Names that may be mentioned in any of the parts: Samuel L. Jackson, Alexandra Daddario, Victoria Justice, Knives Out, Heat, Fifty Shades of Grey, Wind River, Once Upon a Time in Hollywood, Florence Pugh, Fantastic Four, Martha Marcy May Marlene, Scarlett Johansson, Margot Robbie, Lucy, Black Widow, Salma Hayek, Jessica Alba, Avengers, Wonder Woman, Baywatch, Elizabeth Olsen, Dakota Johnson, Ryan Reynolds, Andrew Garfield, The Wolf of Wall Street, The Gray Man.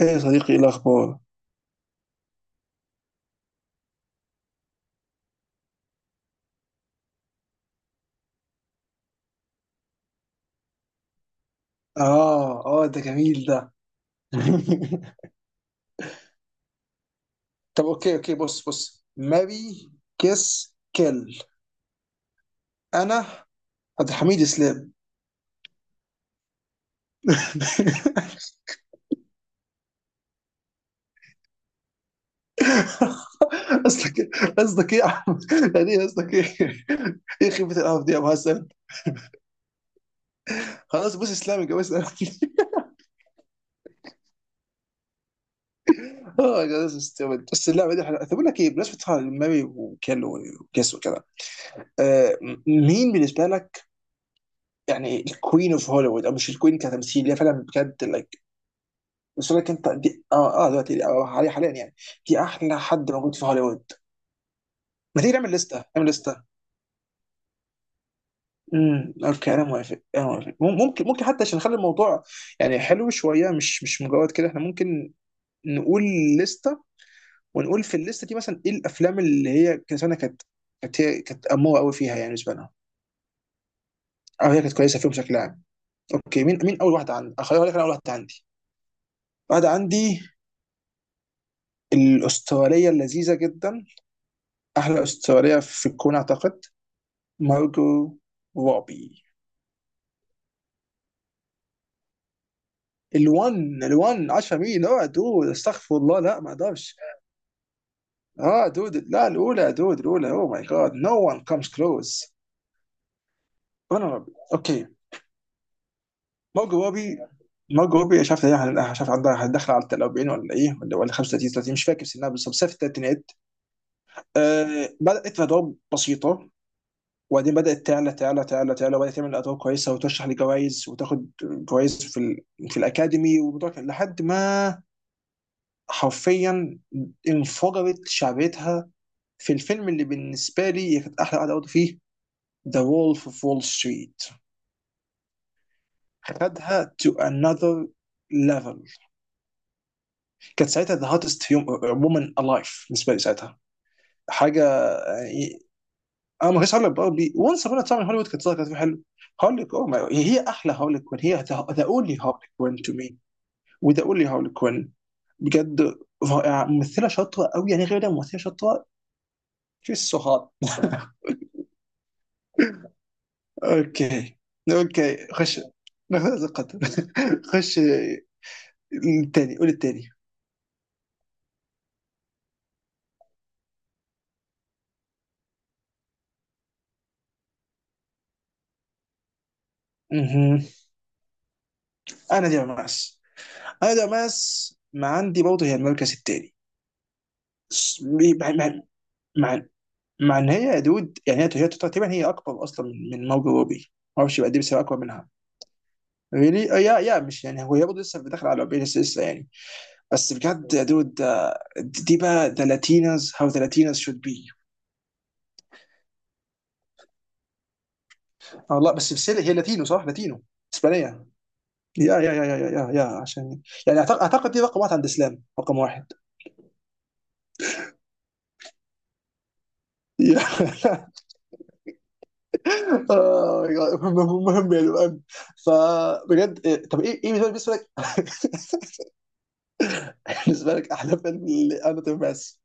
ايه يا صديقي، ايه الاخبار؟ اه اه، ده جميل ده. طب اوكي اوكي، بص بص ماري كيس كيل. انا عبد الحميد اسلام. قصدك ايه؟ قصدك ايه يا عم؟ يعني ايه؟ قصدك ايه؟ ايه خيبه القرف دي يا ابو حسن؟ خلاص بص اسلام، يا اسلام. اه خلاص استوعبت. بس اللعبه دي حلوه. طب اقول لك ايه، بالنسبه ماري وكيل وكيس وكده. آه، مين بالنسبه لك يعني الكوين اوف هوليوود؟ او مش الكوين كتمثيل، هي فعلا بجد like بس لك انت دي. اه دلوقتي دي حاليا حاليا يعني، دي احلى حد موجود في هوليوود. ما تيجي نعمل لسته، نعمل لسته. اوكي، انا موافق، انا موافق. ممكن ممكن حتى عشان نخلي الموضوع يعني حلو شويه، مش مجرد كده. احنا ممكن نقول لسته، ونقول في الليسته دي مثلا ايه الافلام اللي هي كانت كانت هي كانت اموره قوي فيها، يعني بالنسبه لنا، او هي كانت كويسه فيهم بشكل عام. اوكي، مين اول واحده عندي؟ اخليها لك. انا اول واحده عندي، واحده عندي، الاستراليه اللذيذه جدا، احلى استراليه في الكون اعتقد، مارجو روبي. الون 10 مين؟ اه دود استغفر الله، لا ما اقدرش. اه دود، لا الاولى يا دود الاولى. اوه ماي جاد، نو وان كمز كلوز. انا روبي، اوكي. مارجو روبي. مارجو روبي شاف شاف عندها، داخله على 40 ولا ايه، ولا ولا 35 30، مش فاكر سنها بالظبط بس في الثلاثينات. آه، بدات في ادوار بسيطه، وبعدين بدات تعلى وبدات تعمل ادوار كويسه، وترشح لجوائز وتاخد جوائز في الاكاديمي. والموضوع كان لحد ما حرفيا انفجرت شعبيتها في الفيلم اللي بالنسبه لي هي كانت احلى قعده قعدت فيه، ذا وولف اوف وول ستريت. خدها تو انذر ليفل. كانت ساعتها ذا هاتست وومن الايف بالنسبه لي ساعتها. حاجه يعني، انا ما كنتش هقول لك برضه وانس ابون ا تايم هوليوود، كانت طالعه، كانت في حلو. هقول لك، اوه هي احلى هقول كوين. هي ذا اونلي هقول كوين تو مي. وذا اونلي هقول كوين بجد. رائعه، ممثله شاطره قوي، يعني غير ده ممثله شاطره. شيز سو هات. اوكي. اوكي خش، ناخذ هذا القدر. خش، الثاني، قول الثاني. مهم. انا دي ماس. انا دي ماس ما عندي برضه هي المركز الثاني. س- مع مع مع ان هي يا دود، يعني هي تقريبا هي اكبر اصلا من موجو روبي. ما اعرفش، يبقى دي بس هي اكبر منها. ريلي؟ يا يا مش يعني، هو هي برضه لسه داخل على روبي، لسه يعني. بس بجد يا دود، دي دي بقى ذا لاتينوز، هاو ذا لاتينوز شود بي. اه لا، بس هي لاتينو، صح، لاتينو اسبانيه. يا يا يا يا يا يا يا عشان يعني، أعتقد دي رقم واحد عند الإسلام، رقم واحد. يا- آه، مهم مهم يا جدعان. فبجد طب إيه بالنسبة لك بالنسبة لك، أحلى فيلم لأناتومي ماس؟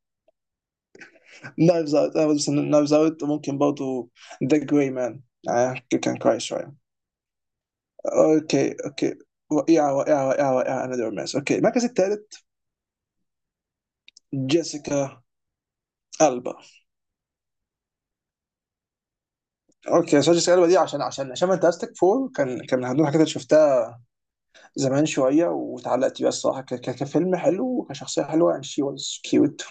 نايفز أوت، أنا بس نايفز أوت ممكن برضه ذا جراي مان، كان كويس شوية. اوكي اوكي، رائعة رائعة رائعة رائعة، انا دور ماس اوكي. المركز الثالث، جيسيكا البا. اوكي، سو جيسيكا البا دي عشان فانتاستيك فور كان كان من ضمن الحاجات اللي شفتها زمان شويه، واتعلقت بيها الصراحه كفيلم حلو، وكشخصيه حلوه، يعني شي واز كيوت.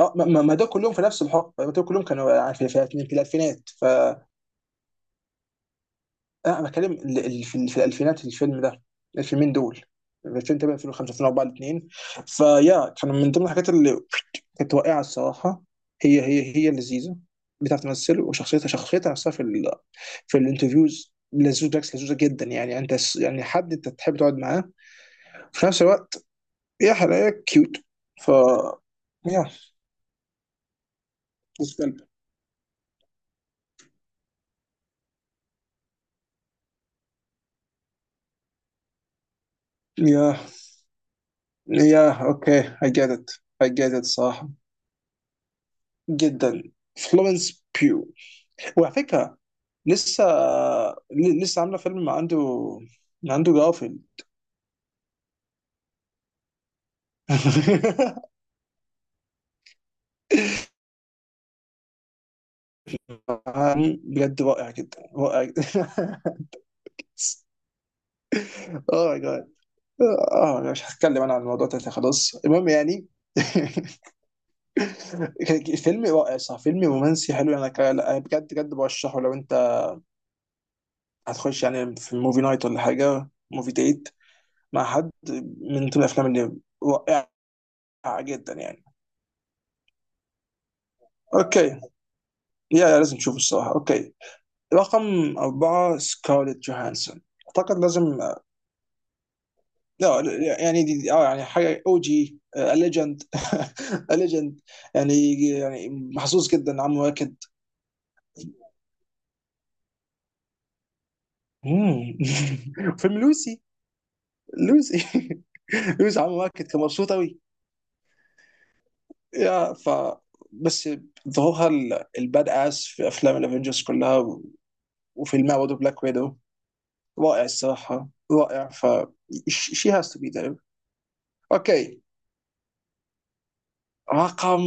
اه ما دول كلهم في نفس الحقبه، ما دول كلهم كانوا يعني في الالفينات ف انا بتكلم في الالفينات الفيلم ده، الفيلمين دول 2008 2005 2004 الاثنين. فيا كانوا من ضمن الحاجات اللي كانت واقعه الصراحه. هي هي لذيذه، بتعرف تمثل، وشخصيتها نفسها في ال، في الانترفيوز لذوذ، بالعكس لذوذه جدا، يعني انت يعني حد انت تحب تقعد معاه في نفس الوقت، هي حلاقة كيوت. ف يا، بالنسبة لي. يا يا اوكي I get it I get it، صراحة جدا، فلورنس بيو. وعلى فكرة لسه، لسه عاملة فيلم مع اندرو، مع اندرو جارفيلد. بجد رائع جدا رائع جدا. اوه ماي جاد، اه أنا مش هتكلم عن الموضوع ده، خلاص، المهم يعني. كان فيلم رائع، صح، فيلم رومانسي حلو. انا لا، بجد بجد برشحه لو انت هتخش يعني في موفي نايت ولا حاجه، موفي ديت مع حد. من ضمن الافلام اللي رائعه جدا يعني. اوكي يا، لازم تشوفه الصراحه. اوكي، رقم أربعة سكارليت جوهانسون، أعتقد لازم. لا لا، يعني اه يعني حاجة أو جي ليجند، ليجند يعني، يعني محظوظ جدا عم واكد. مم. فيلم لوسي. لوسي لوسي، عم واكد كان مبسوط أوي. يا ف، بس ظهورها الباد اس في افلام الافنجرز كلها، وفيلمها برضه بلاك ويدو، رائع الصراحه، رائع. ف شي هاز تو بي ذير. اوكي. رقم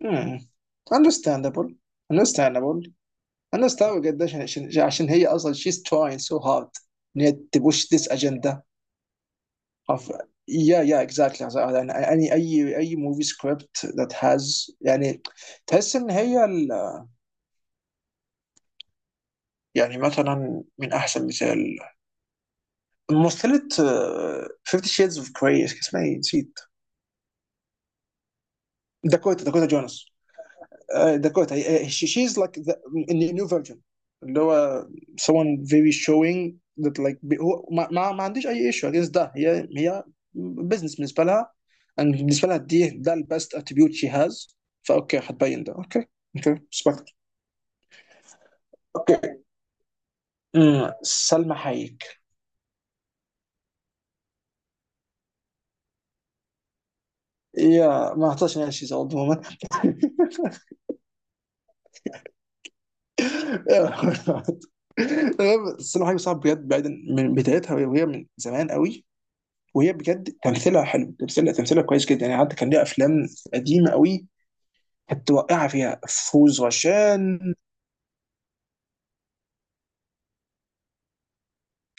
مم. understandable، understandable. انا استوعب قديش، عشان هي اصلا she's trying so hard ان هي تبوش this agenda of. يا يا اكزاكتلي يعني، اي موفي سكريبت ذات هاز، يعني تحس ان هي يعني مثلا من احسن مثال، ممثلة فيفتي شيدز اوف جراي، اسمها ايه نسيت؟ داكوتا جونز. داكوتا شي از لايك ذا نيو فيرجن، اللي هو someone very showing that like هو ما عنديش اي ايشو against ده، هي بزنس بالنسبة لها، and بالنسبة لها دي ده البست اتريبيوت شي هاز. فاوكي، هتبين ده، اوكي اوكي respect. اوكي. سلمى حايك. يا ما اعتقدش ان هي شيز اولد وومن. تمام، بس انا حاجه صعب بجد، بعيدا من بدايتها وهي من زمان قوي، وهي بجد تمثيلها حلو، تمثيلها كويس جدا يعني. حتى كان ليها افلام قديمه قوي، كانت واقعه فيها فوز غشان.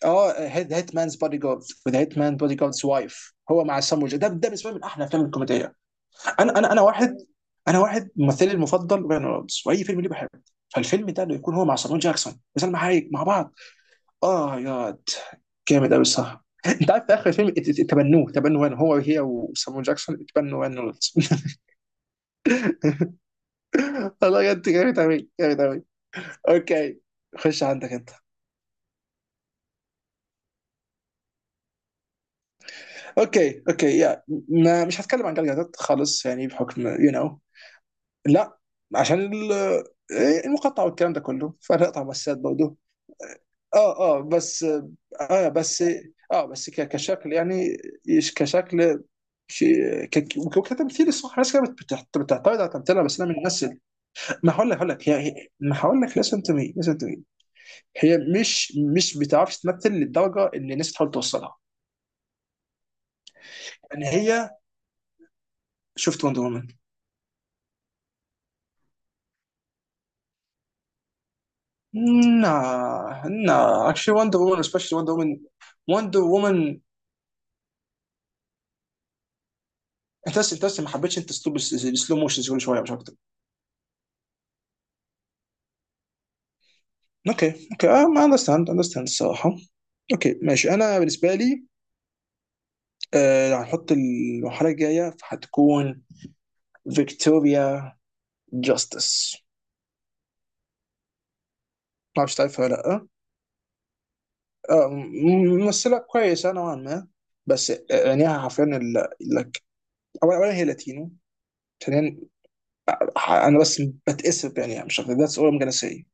اه هيت مانز بودي جارد، وذا هيت مان بودي جاردز وايف، هو مع ده ده بالنسبه لي من احلى الافلام الكوميديه. انا انا انا واحد انا واحد ممثلي المفضل ريان رولدز، واي فيلم ليه بحبه، فالفيلم ده انه يكون هو مع سامو جاكسون وسلمى حايك مع بعض. اه ياد، جامد قوي الصراحه. انت عارف في اخر الفيلم، اتبنوه، تبنوا هنا هو هي وسامو جاكسون، اتبنوا هان رولز. والله بجد جامد قوي جامد قوي. اوكي، خش عندك انت. اوكي اوكي يا، ما مش هتكلم عن جلجلتات خالص، يعني بحكم يو you نو know. لا، عشان المقطع والكلام ده كله، فنقطع مسات برضه. اه بس، اه بس، اه بس كشكل يعني، كشكل شيء، وكتمثيل الصراحه. ناس كده بتعترض على تمثيلها، بس انا من الناس. انا هقول لك، انا هقول لك لسن تو مي، لسن تو مي. هي مش بتعرفش تمثل للدرجه اللي الناس بتحاول توصلها. يعني هي، شفت وندر وومن؟ نا نا اكشلي وندر وومن، سبيشلي وندر وومن، وندر وومن. انت بس، انت بس ما حبيتش انت اسلوب السلو موشنز كل شويه، مش اكتر. اوكي اوكي، اه ما اندرستاند، اندرستاند الصراحه. اوكي ماشي. انا بالنسبه لي، هنحط المرحله الجايه فهتكون فيكتوريا جاستس. ما اعرفش تعرفها ولا لا. ممثلة كويسة نوعا ما، بس عينيها حرفيا لك. أولا هي لاتينو. ثانيا، أنا بس بتأسف بعينيها مش أكتر. ذاتس أول ممكن أسي.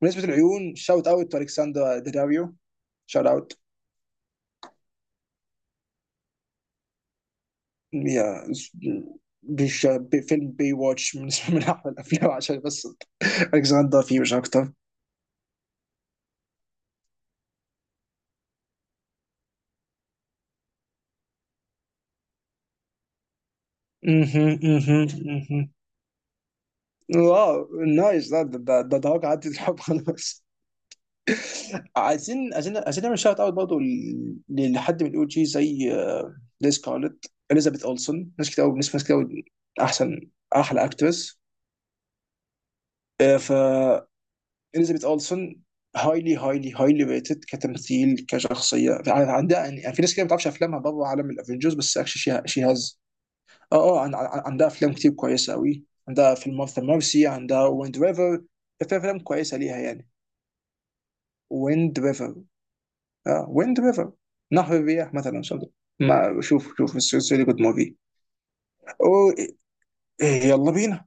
بالنسبة للعيون، شاوت أوت تو ألكسندرا داداريو، شاوت أوت. هي بفيلم بي واتش، بالنسبة من أحلى الأفلام عشان بس ألكسندرا فيه، مش أكتر. مهم، مهم، مهم. واو، نايس، ده ده ده ده ده عدت الحب خلاص. عايزين عايزين نعمل شوت اوت برضه لحد من الاو جي زي ليز سكارلت، اليزابيث اولسون، ناس كتير قوي، ناس كتير قوي احسن، احلى اكترس. ف اليزابيث اولسون، هايلي ريتد كتمثيل كشخصيه. عندها يعني، في ناس كتير ما بتعرفش افلامها بره عالم الافنجرز، بس اكشلي شي هاز. عندها افلام كتير كويسه قوي، عندها فيلم مارثا مارسي، عندها ويند ريفر، في افلام كويسه ليها يعني. ويند ريفر. اه، ويند ريفر. نهر الرياح مثلا something. ما شوف شوف، سوري، جود موفي. أوه، يلا بينا.